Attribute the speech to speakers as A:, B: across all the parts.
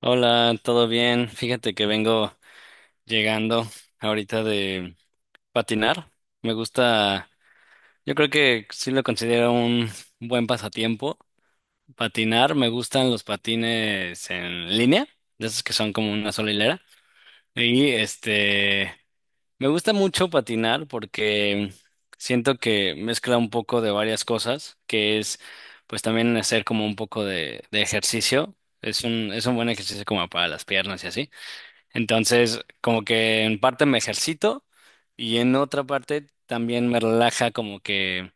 A: Hola, ¿todo bien? Fíjate que vengo llegando ahorita de patinar. Me gusta, yo creo que sí lo considero un buen pasatiempo. Patinar, me gustan los patines en línea, de esos que son como una sola hilera. Y este, me gusta mucho patinar porque siento que mezcla un poco de varias cosas, que es pues también hacer como un poco de ejercicio. Es un buen ejercicio como para las piernas y así. Entonces, como que en parte me ejercito y en otra parte también me relaja como que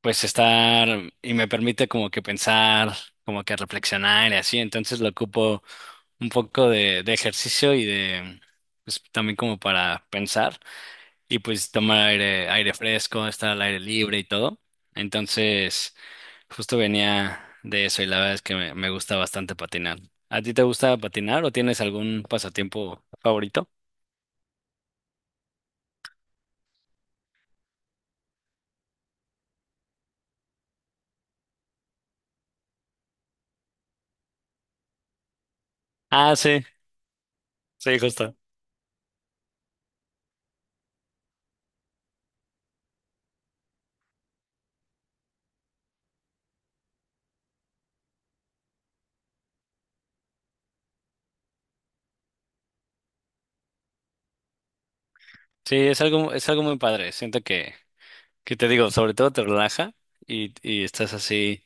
A: pues estar y me permite como que pensar, como que reflexionar y así. Entonces lo ocupo un poco de ejercicio y de pues también como para pensar y pues tomar aire, aire fresco, estar al aire libre y todo. Entonces, justo venía de eso y la verdad es que me gusta bastante patinar. ¿A ti te gusta patinar o tienes algún pasatiempo favorito? Ah, sí, sí, justo. Sí, es algo muy padre. Siento que te digo, sobre todo te relaja y estás así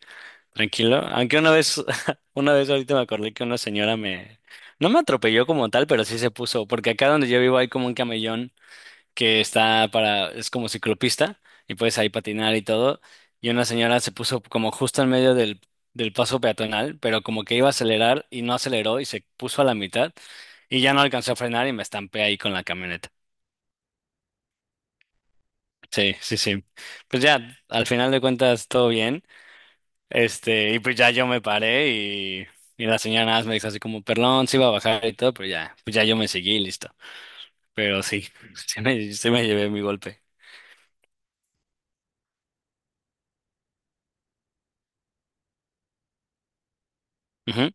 A: tranquilo. Aunque una vez, una vez ahorita me acordé que una señora no me atropelló como tal, pero sí se puso, porque acá donde yo vivo hay como un camellón que está para, es como ciclopista y puedes ahí patinar y todo. Y una señora se puso como justo en medio del paso peatonal, pero como que iba a acelerar y no aceleró y se puso a la mitad. Y ya no alcanzó a frenar y me estampé ahí con la camioneta. Sí, sí, sí. Pues ya, al final de cuentas, todo bien. Este, y pues ya yo me paré y la señora nada más me dijo así como, perdón, sí iba a bajar y todo, pero ya, pues ya yo me seguí y listo. Pero sí, sí me llevé mi golpe. Ujú,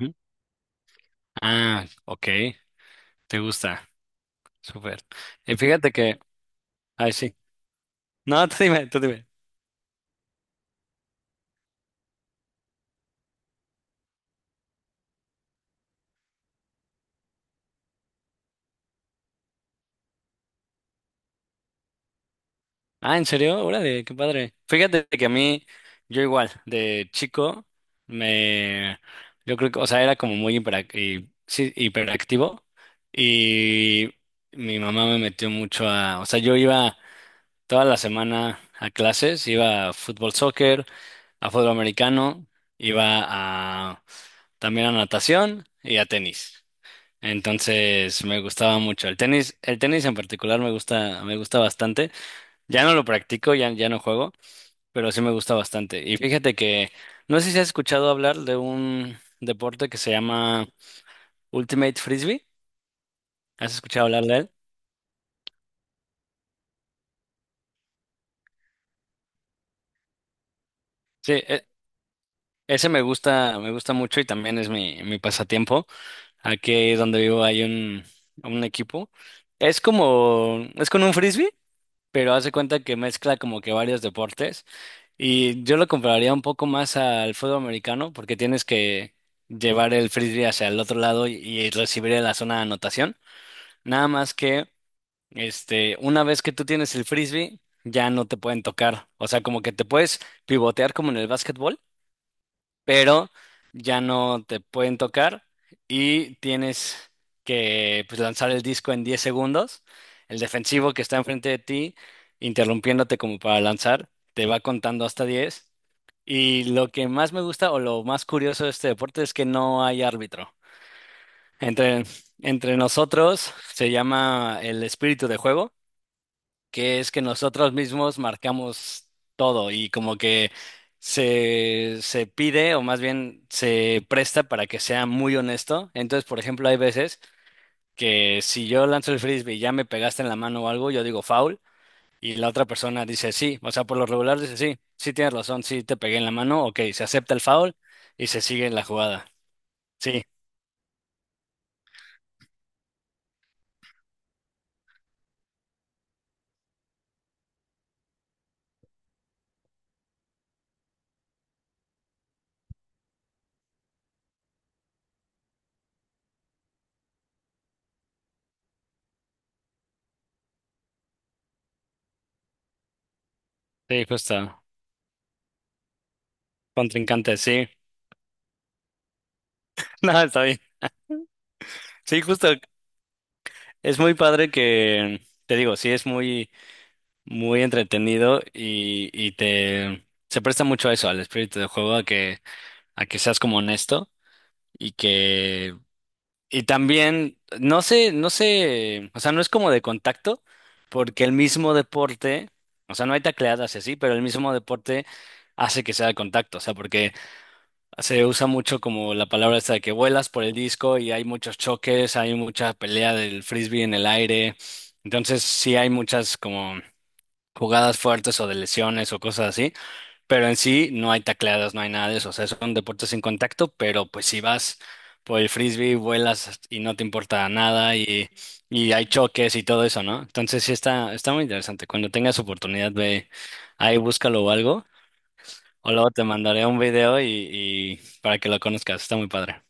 A: ujú. Ah, ok, te gusta, súper. Y fíjate que, ay, sí. No, tú dime, tú dime. Ah, ¿en serio? Órale, qué padre. Fíjate que a mí, yo igual, de chico, me, yo creo que, o sea, era como muy sí, hiperactivo y mi mamá me metió mucho a, o sea, yo iba toda la semana a clases, iba a fútbol, soccer, a fútbol americano, iba a, también a natación y a tenis. Entonces me gustaba mucho el tenis en particular me gusta bastante. Ya no lo practico, ya, ya no juego, pero sí me gusta bastante. Y fíjate que, no sé si has escuchado hablar de un deporte que se llama Ultimate Frisbee. ¿Has escuchado hablar de él? Sí, ese me gusta mucho y también es mi pasatiempo. Aquí donde vivo hay un equipo. Es como, es con un frisbee, pero hace cuenta que mezcla como que varios deportes. Y yo lo compararía un poco más al fútbol americano porque tienes que llevar el frisbee hacia el otro lado y recibir en la zona de anotación. Nada más que una vez que tú tienes el frisbee, ya no te pueden tocar. O sea, como que te puedes pivotear como en el básquetbol, pero ya no te pueden tocar y tienes que pues, lanzar el disco en 10 segundos. El defensivo que está enfrente de ti, interrumpiéndote como para lanzar, te va contando hasta 10 y lo que más me gusta o lo más curioso de este deporte es que no hay árbitro. Entre, entre nosotros se llama el espíritu de juego, que es que nosotros mismos marcamos todo y como que se pide o más bien se presta para que sea muy honesto. Entonces, por ejemplo, hay veces que si yo lanzo el frisbee y ya me pegaste en la mano o algo, yo digo foul y la otra persona dice sí, o sea, por lo regular dice sí, sí tienes razón, sí te pegué en la mano, ok, se acepta el foul y se sigue la jugada. Sí, sí, justo, contrincante, sí, no, está bien. Sí, justo, es muy padre que, te digo, sí es muy, muy entretenido y te, se presta mucho a eso, al espíritu de juego, a que, seas como honesto y que y también, no sé, no sé, o sea, no es como de contacto, porque el mismo deporte, o sea, no hay tacleadas y así, pero el mismo deporte hace que sea de contacto, o sea, porque se usa mucho como la palabra esta de que vuelas por el disco y hay muchos choques, hay mucha pelea del frisbee en el aire, entonces sí hay muchas como jugadas fuertes o de lesiones o cosas así. Pero en sí no hay tacleadas, no hay nada de eso. O sea, son deportes sin contacto, pero pues si vas por el frisbee, vuelas y no te importa nada y hay choques y todo eso, ¿no? Entonces sí está, está muy interesante. Cuando tengas oportunidad, ve ahí, búscalo o algo. O luego te mandaré un video y para que lo conozcas. Está muy padre.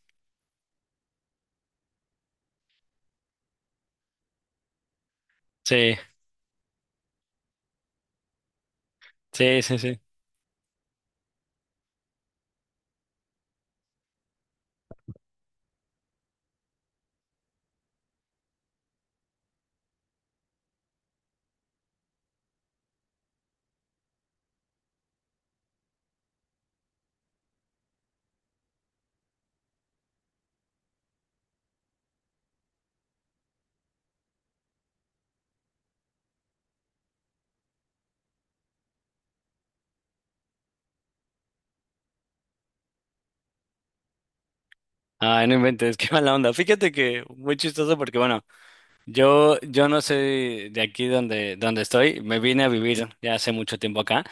A: Sí, sí, sí, sí. Ay, no inventes, qué mala onda. Fíjate que muy chistoso porque, bueno, yo no soy de aquí donde estoy. Me vine a vivir ya hace mucho tiempo acá.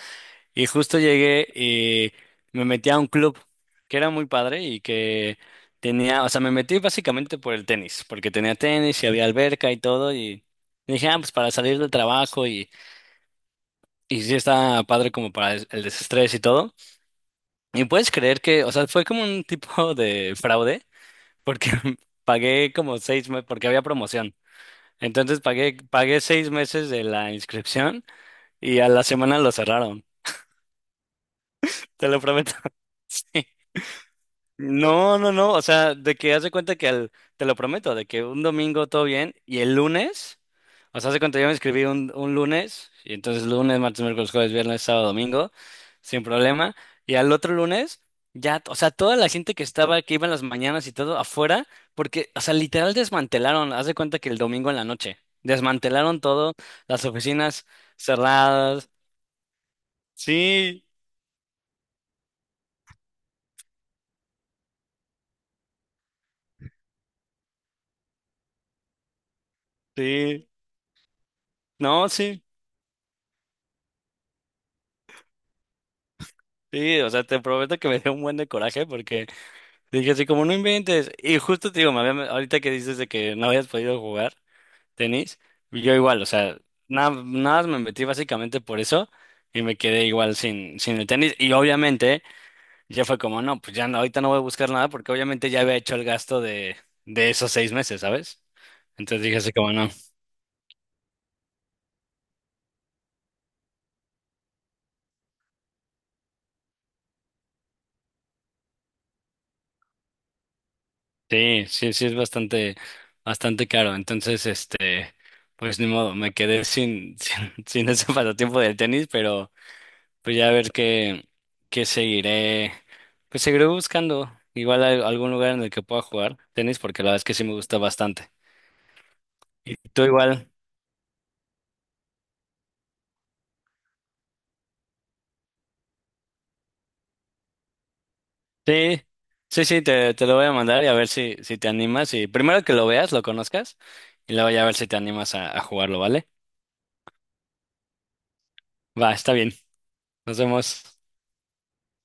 A: Y justo llegué y me metí a un club que era muy padre y que tenía, o sea, me metí básicamente por el tenis, porque tenía tenis y había alberca y todo y dije, ah, pues para salir del trabajo y sí está padre como para el desestrés y todo. Y puedes creer que, o sea, fue como un tipo de fraude, porque pagué como 6 meses, porque había promoción. Entonces pagué 6 meses de la inscripción y a la semana lo cerraron, te lo prometo. No, no, no, o sea, de que haz de cuenta que te lo prometo, de que un domingo todo bien y el lunes, o sea, haz de cuenta yo me inscribí un lunes, y entonces lunes, martes, miércoles, jueves, viernes, sábado, domingo, sin problema, y al otro lunes, ya, o sea, toda la gente que estaba, que iba en las mañanas y todo afuera, porque, o sea, literal desmantelaron, haz de cuenta que el domingo en la noche, desmantelaron todo, las oficinas cerradas, sí, sí, no, sí, sí, o sea, te prometo que me dio un buen de coraje porque... Dije así como no inventes. Y justo te digo, ahorita que dices de que no habías podido jugar tenis, yo igual, o sea, nada más me metí básicamente por eso y me quedé igual sin el tenis. Y obviamente ya fue como, no, pues ya no, ahorita no voy a buscar nada porque obviamente ya había hecho el gasto de esos 6 meses, ¿sabes? Entonces dije así como no, sí, sí, sí es bastante, bastante caro. Entonces, este, pues ni modo, me quedé sin, sin ese pasatiempo del tenis, pero... Pues ya a ver qué seguiré, pues seguiré buscando igual algún lugar en el que pueda jugar tenis, porque la verdad es que sí me gusta bastante. Y tú igual. Sí, sí, sí, te lo voy a mandar y a ver si te animas. Y primero que lo veas, lo conozcas, y luego ya a ver si te animas a jugarlo, ¿vale? Va, está bien. Nos vemos.